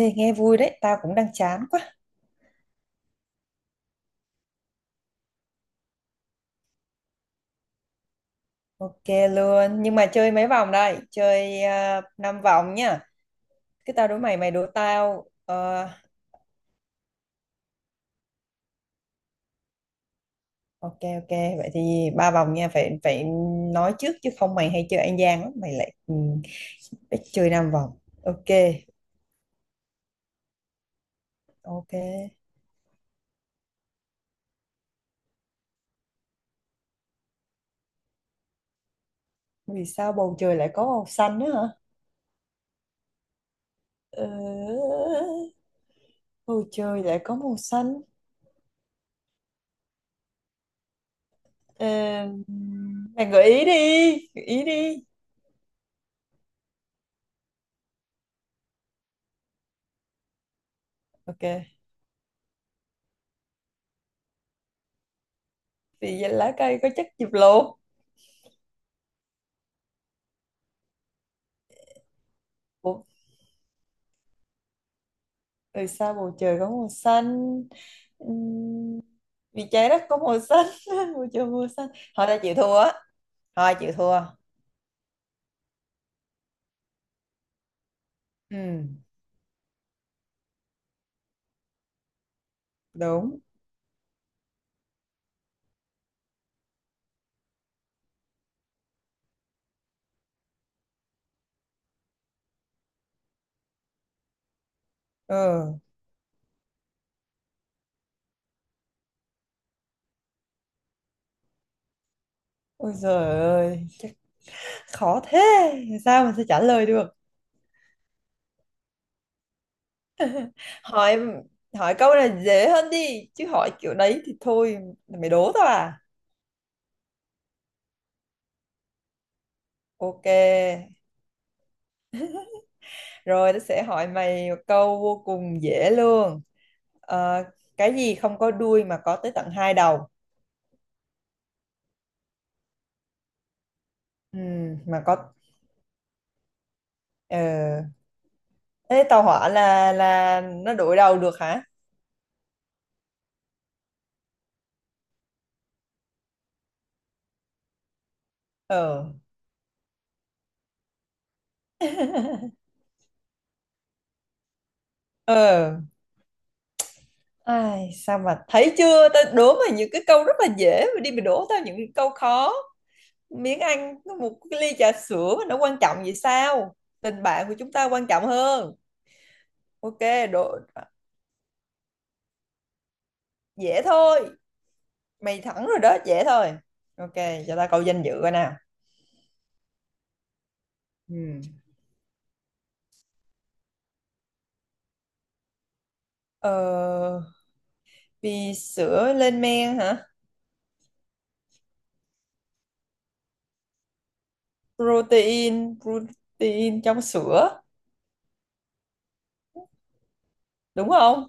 Ê, nghe vui đấy, tao cũng đang chán quá. Ok luôn, nhưng mà chơi mấy vòng đây? Chơi 5 vòng nhá. Cứ tao đố mày, mày đố tao. Ờ, ok ok, vậy thì 3 vòng nha, phải phải nói trước chứ không mày hay chơi ăn gian lắm, ít chơi 5 vòng. Ok, ok. Vì sao bầu trời lại có màu xanh nữa hả? Ờ, bầu trời lại có màu xanh. Ờ, mày gợi ý đi, gợi ý đi. Ok, vì lá cây có chất diệp lục. Ủa, từ sao bầu trời có màu xanh. Ừm, Vì trái đất có màu xanh bầu trời màu xanh, thôi đã chịu thua á, thôi chịu thua. Ừ, đúng. Ừ. Ôi giời ơi, chắc khó thế sao mà sẽ trả lời được. Hỏi hỏi câu này dễ hơn đi chứ, hỏi kiểu đấy thì thôi. Mày đố tao à? Ok, rồi tao sẽ hỏi mày một câu vô cùng dễ luôn. Ờ, cái gì không có đuôi mà có tới tận hai đầu? Ừ, mà có. Ờ, thế tàu hỏa là nó đổi đầu được hả? Ờ, ờ, ai sao mà thấy chưa, tao đố mà những cái câu rất là dễ mà đi mà đố tao những câu khó. Miếng ăn có một cái ly trà sữa mà nó quan trọng vậy sao? Tình bạn của chúng ta quan trọng hơn. Ok, đố dễ thôi, mày thẳng rồi đó, dễ thôi. Ok, cho tao câu danh dự coi nào. Ừ. Ờ, vì sữa lên men hả? Protein protein trong sữa. Đúng không?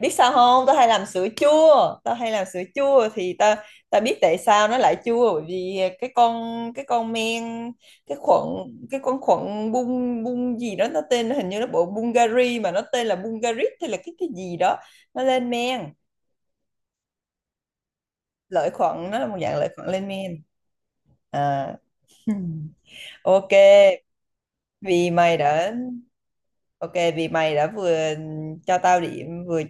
Biết sao không, tao hay làm sữa chua thì tao tao biết tại sao nó lại chua, bởi vì cái con men, cái khuẩn cái con khuẩn bung bung gì đó, nó tên hình như nó bộ Bulgari mà nó tên là Bulgarit, hay là cái gì đó, nó lên men. Lợi khuẩn, nó là một dạng lợi khuẩn lên men à. ok vì mày đã Ok, vì mày đã vừa cho tao điểm, vừa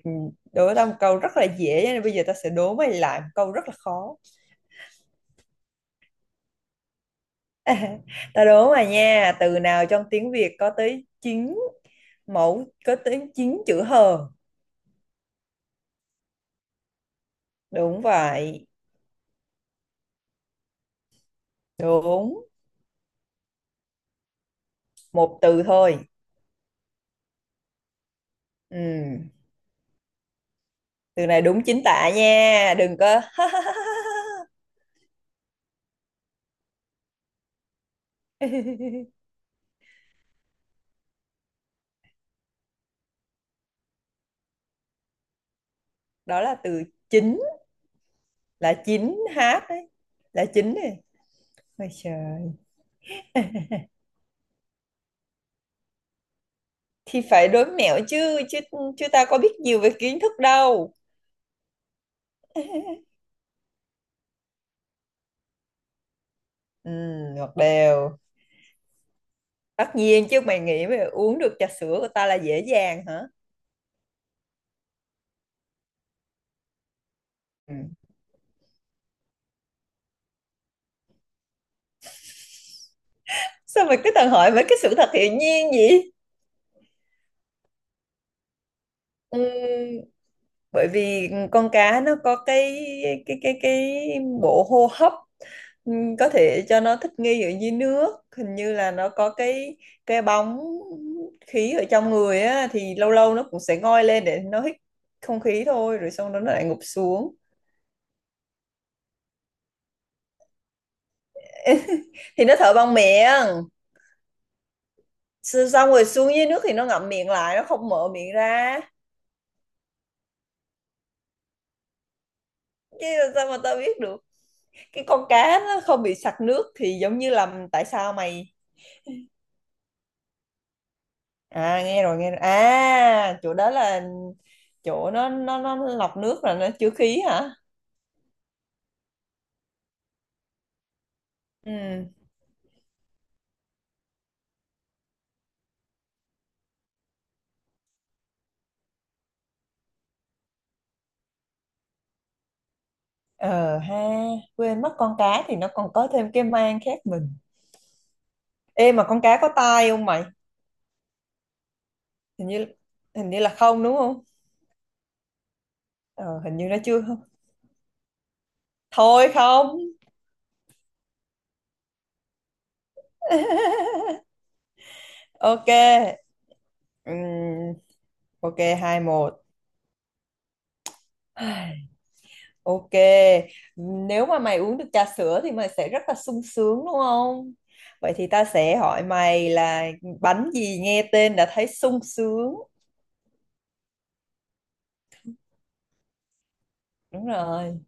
đố tao một câu rất là dễ, cho nên bây giờ tao sẽ đố mày lại một câu rất là khó. Tao đố mày nha, từ nào trong tiếng Việt có tới 9 chữ hờ. Đúng vậy, đúng, một từ thôi. Ừ. Từ này đúng chính tả nha, đừng có. Đó là từ chính, là chính hát đấy, là chính này. Ôi trời. Thì phải đố mẹo chứ chứ chứ ta có biết nhiều về kiến thức đâu. Ừ, ngọt đều. Tất nhiên chứ, mày nghĩ mày uống được trà sữa của ta là dễ dàng hả? Ừ. Sao mày cứ toàn hỏi mấy cái sự thật hiển nhiên vậy? Ừ, bởi vì con cá nó có cái bộ hô hấp, có thể cho nó thích nghi ở dưới nước. Hình như là nó có cái bóng khí ở trong người á, thì lâu lâu nó cũng sẽ ngoi lên để nó hít không khí thôi, rồi xong đó nó lại ngụp xuống. Thì nó thở bằng miệng. Xong xong rồi xuống dưới nước thì nó ngậm miệng lại, nó không mở miệng ra. Chứ làm sao mà tao biết được, cái con cá nó không bị sặc nước thì giống như là tại sao mày. À, nghe rồi nghe rồi, à chỗ đó là chỗ nó lọc nước, là nó chứa khí hả? Ừ. Ờ ha, quên mất con cá thì nó còn có thêm cái mang khác mình. Ê, mà con cá có tai không mày? Hình như hình như là không, đúng không? Ờ, hình như nó chưa. Thôi không. Ok. Ừm, ok, 2-1. Ok, nếu mà mày uống được trà sữa thì mày sẽ rất là sung sướng đúng không? Vậy thì ta sẽ hỏi mày là bánh gì nghe tên đã thấy sung sướng. Đúng rồi,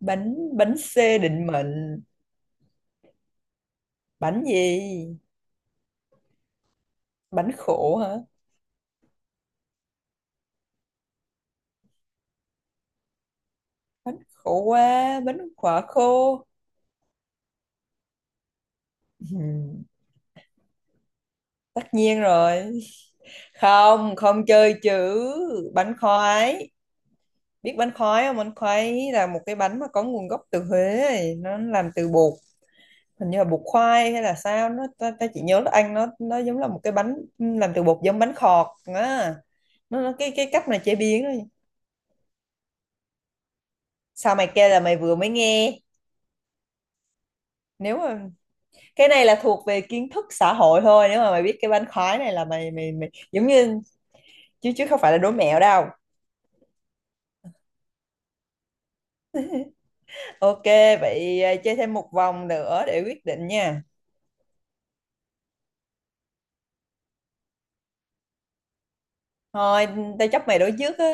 bánh bánh C định mệnh. Bánh gì? Bánh khổ hả? Bánh khổ quá, bánh quả khô. Ừm, Tất nhiên rồi. Không, không chơi chữ. Bánh khoái. Biết bánh khoái không? Bánh khoái là một cái bánh mà có nguồn gốc từ Huế. Nó làm từ bột, hình như là bột khoai hay là sao nó, ta chỉ nhớ nó ăn, nó giống là một cái bánh làm từ bột, giống bánh khọt á. Nó cái cách mà chế biến đó. Sao mày kêu là mày vừa mới nghe. Nếu mà cái này là thuộc về kiến thức xã hội thôi, nếu mà mày biết cái bánh khoái này là mày mày mày giống như, chứ chứ không phải là đố mẹo đâu. Ok, vậy à, chơi thêm một vòng nữa để quyết định nha. Thôi, tao chấp mày đố trước á.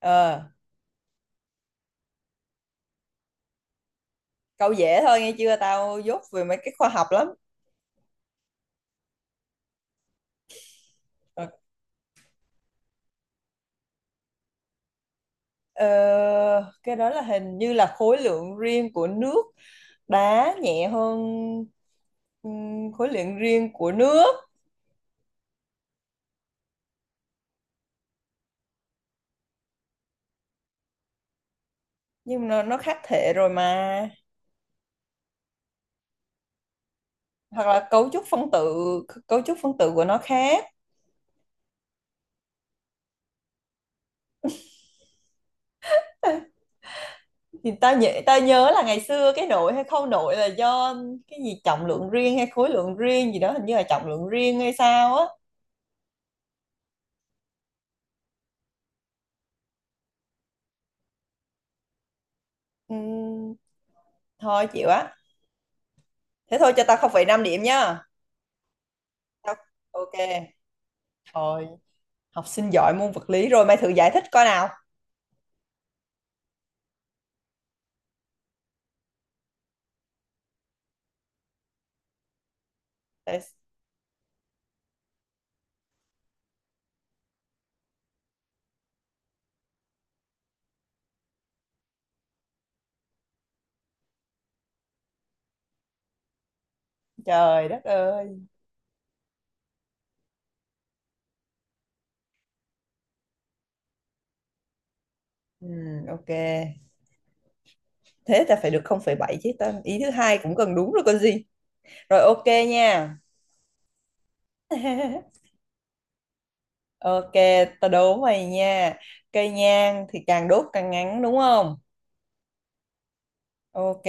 Ờ, câu dễ thôi nghe chưa, tao dốt về mấy cái khoa học lắm. Ok. Ờ, cái đó là hình như là khối lượng riêng của nước đá nhẹ hơn, khối lượng riêng của nước. Nhưng mà nó khác thể rồi mà, hoặc là cấu trúc phân tử của nó khác. Thì ta nhớ là ngày xưa cái nội hay khâu nội là do cái gì trọng lượng riêng hay khối lượng riêng gì đó, hình như là trọng lượng riêng hay sao á. Ừm, thôi chịu á, thế thôi cho tao 0,5 điểm nha. Tao- ok. Thôi, học sinh giỏi môn vật lý rồi, mày thử giải thích coi nào. Trời đất ơi. Ừ, ok, thế ta phải được 0,7 chứ, ta ý thứ hai cũng cần đúng rồi còn gì. Rồi, ok nha. Ok, ta đố mày nha, cây nhang thì càng đốt càng ngắn đúng không? Ok.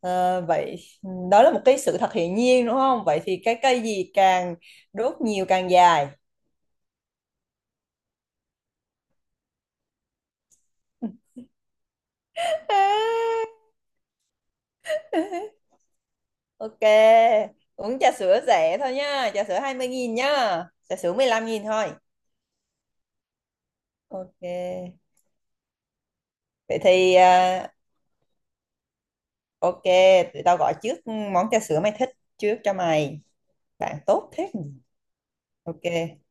Vậy đó là một cái sự thật hiển nhiên đúng không, vậy thì cái cây gì càng đốt nhiều càng dài? Ok, uống trà sữa rẻ thôi nhá, trà sữa 20.000 nhá, trà sữa 15.000 thôi. Ok, vậy thì ok, tụi tao gọi trước món trà sữa mày thích trước cho mày. Bạn tốt thế nhỉ? Ok,